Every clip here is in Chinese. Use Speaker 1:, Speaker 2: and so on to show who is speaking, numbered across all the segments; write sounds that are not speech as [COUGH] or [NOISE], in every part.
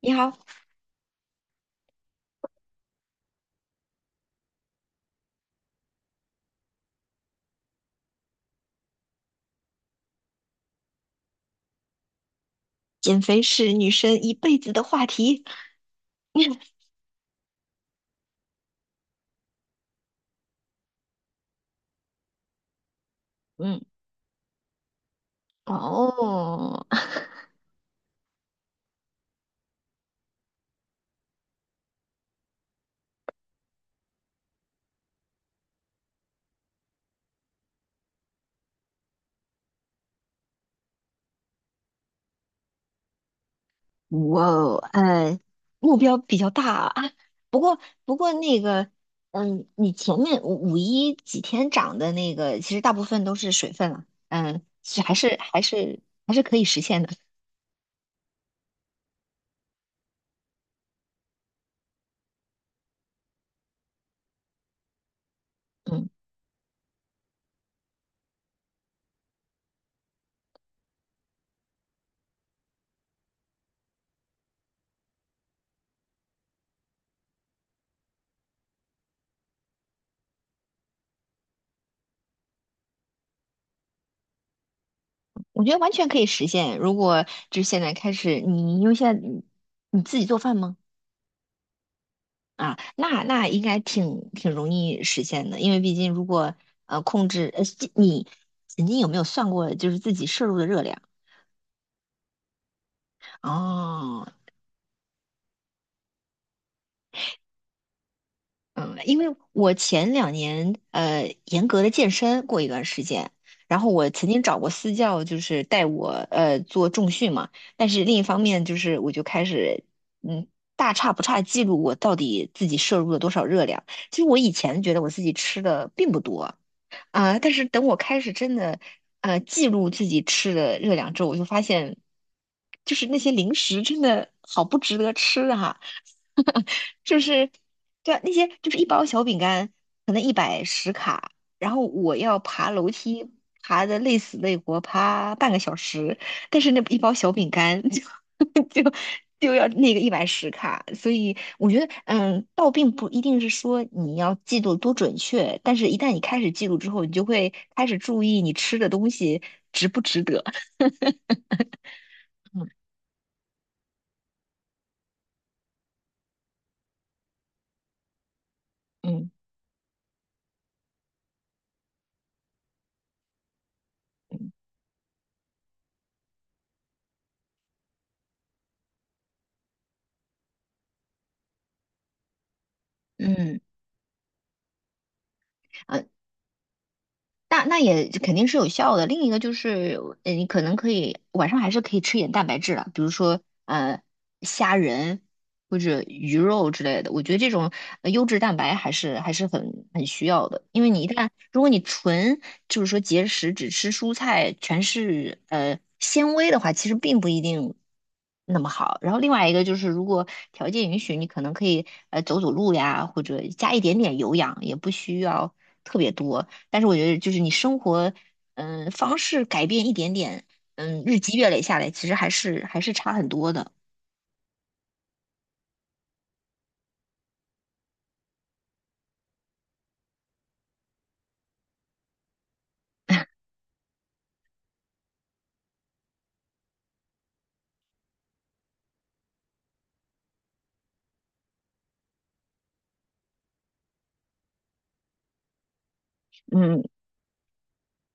Speaker 1: 你好，减肥是女生一辈子的话题。[LAUGHS] 嗯，哦，哇哦，目标比较大啊。不过，不过那个，嗯，你前面五一几天涨的那个，其实大部分都是水分了。嗯，其实还是可以实现的。嗯，我觉得完全可以实现。如果就是现在开始，你因为现在你自己做饭吗？啊，那应该挺容易实现的，因为毕竟如果控制这你曾经有没有算过就是自己摄入的热量？哦，嗯，因为我前两年严格的健身过一段时间，然后我曾经找过私教，就是带我做重训嘛，但是另一方面就是我就开始嗯大差不差记录我到底自己摄入了多少热量。其实我以前觉得我自己吃的并不多，啊，但是等我开始真的记录自己吃的热量之后，我就发现，就是那些零食真的好不值得吃哈、就是对啊那些就是一包小饼干可能一百十卡，然后我要爬楼梯爬的累死累活，爬半个小时，但是那一包小饼干 [LAUGHS] 就要那个110卡，所以我觉得，嗯，倒并不一定是说你要记录多准确，但是一旦你开始记录之后，你就会开始注意你吃的东西值不值得。[LAUGHS] 嗯嗯嗯，嗯，那也肯定是有效的。另一个就是，你可能可以晚上还是可以吃一点蛋白质的，比如说虾仁或者鱼肉之类的。我觉得这种优质蛋白还是很需要的，因为你一旦如果你纯就是说节食只吃蔬菜，全是纤维的话，其实并不一定那么好。然后另外一个就是，如果条件允许，你可能可以走走路呀，或者加一点点有氧，也不需要特别多。但是我觉得就是你生活，方式改变一点点，嗯，日积月累下来，其实还是差很多的。嗯，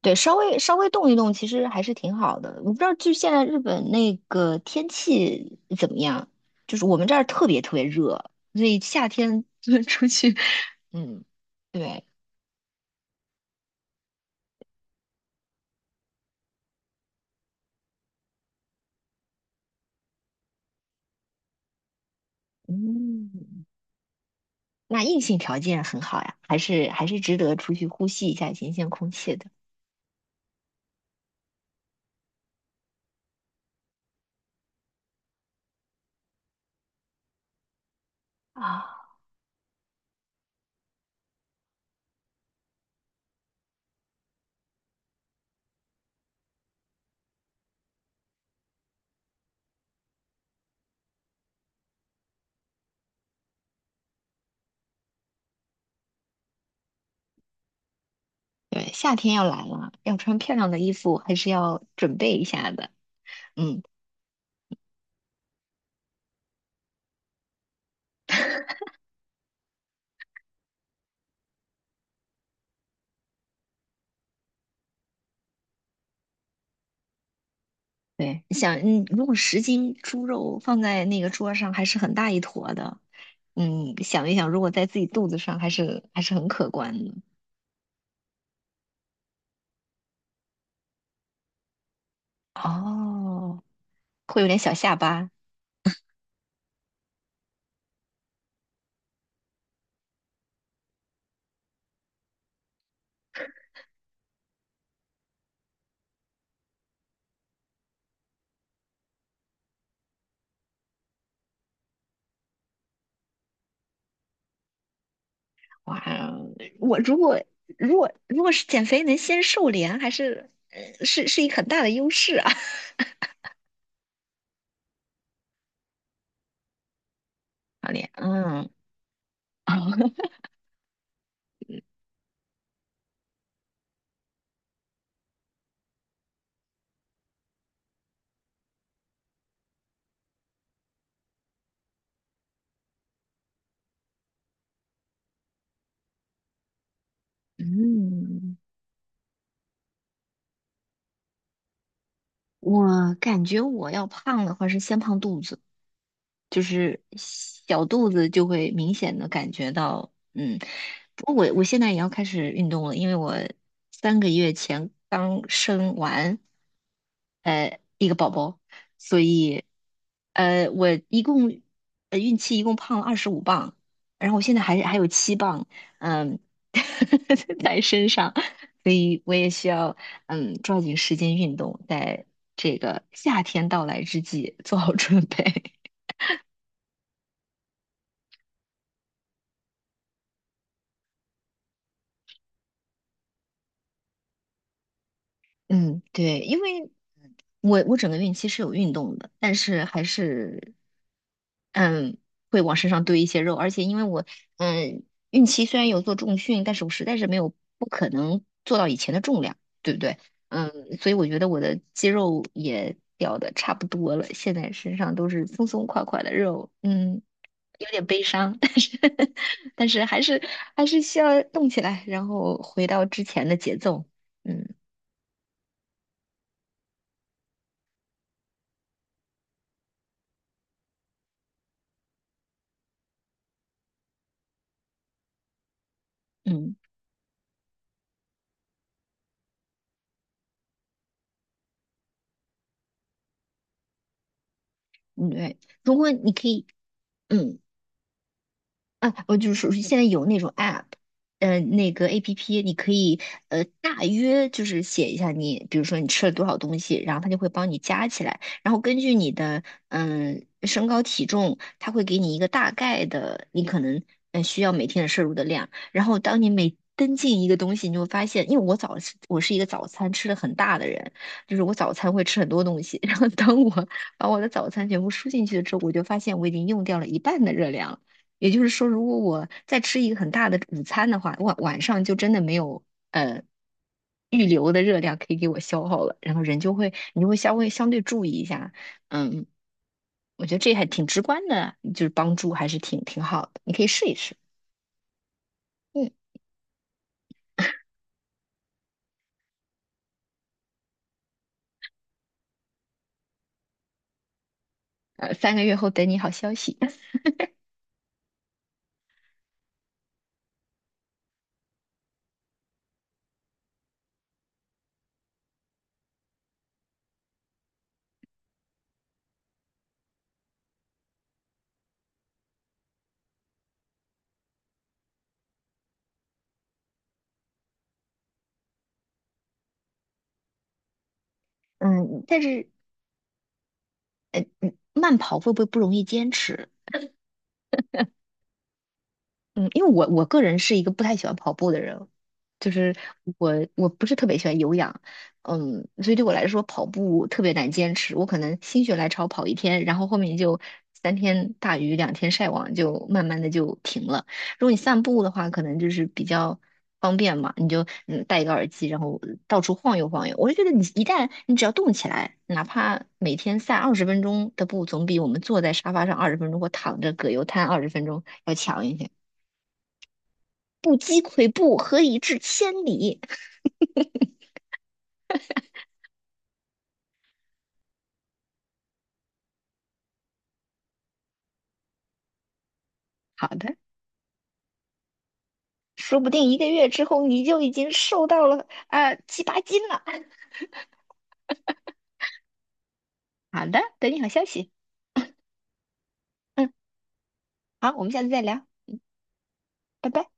Speaker 1: 对，稍微动一动，其实还是挺好的。我不知道，就现在日本那个天气怎么样？就是我们这儿特别特别热，所以夏天就 [LAUGHS] 出去，嗯，对，嗯，那硬性条件很好呀，还是值得出去呼吸一下新鲜空气的啊。对，夏天要来了，要穿漂亮的衣服，还是要准备一下的。嗯，对，你想，嗯，如果10斤猪肉放在那个桌上，还是很大一坨的。嗯，想一想，如果在自己肚子上，还是很可观的。哦，会有点小下巴。哇，我如果是减肥能先瘦脸，还是是一个很大的优势啊。[LAUGHS] 好脸，嗯。嗯，我感觉我要胖的话是先胖肚子，就是小肚子就会明显的感觉到，嗯，不过我现在也要开始运动了，因为我3个月前刚生完一个宝宝，所以我一共孕期一共胖了25磅，然后我现在还有7磅，嗯，[LAUGHS] 在身上，所以我也需要抓紧时间运动，在这个夏天到来之际做好准备。嗯，对，因为我整个孕期是有运动的，但是还是嗯会往身上堆一些肉，而且因为我嗯孕期虽然有做重训，但是我实在是没有不可能做到以前的重量，对不对？嗯，所以我觉得我的肌肉也掉的差不多了，现在身上都是松松垮垮的肉，嗯，有点悲伤，但是 [LAUGHS] 但是还是需要动起来，然后回到之前的节奏，嗯嗯。嗯对，如果你可以，嗯，啊，我就是说现在有那种 app，那个 app 你可以大约就是写一下你，比如说你吃了多少东西，然后它就会帮你加起来，然后根据你的身高体重，它会给你一个大概的你可能需要每天的摄入的量，然后当你每登进一个东西，你就会发现，因为我是一个早餐吃的很大的人，就是我早餐会吃很多东西，[LAUGHS] 然后当我把我的早餐全部输进去了之后，我就发现我已经用掉了一半的热量了也就是说，如果我再吃一个很大的午餐的话，晚上就真的没有呃预留的热量可以给我消耗了，然后人就会你就会稍微相对注意一下，嗯，我觉得这还挺直观的，就是帮助还是挺好的，你可以试一试，嗯，3个月后等你好消息，[LAUGHS] 嗯，但是慢跑会不会不容易坚持？嗯，因为我个人是一个不太喜欢跑步的人，就是我不是特别喜欢有氧，嗯，所以对我来说跑步特别难坚持。我可能心血来潮跑一天，然后后面就三天大鱼两天晒网，就慢慢的就停了。如果你散步的话，可能就是比较方便嘛，你就戴一个耳机，然后到处晃悠晃悠。我就觉得你一旦你只要动起来，哪怕每天散二十分钟的步，总比我们坐在沙发上二十分钟或躺着葛优瘫二十分钟要强一些。不积跬步，何以至千里？好的，说不定一个月之后你就已经瘦到了啊、七八斤了。好的，等你好消息。嗯，好，我们下次再聊，拜拜。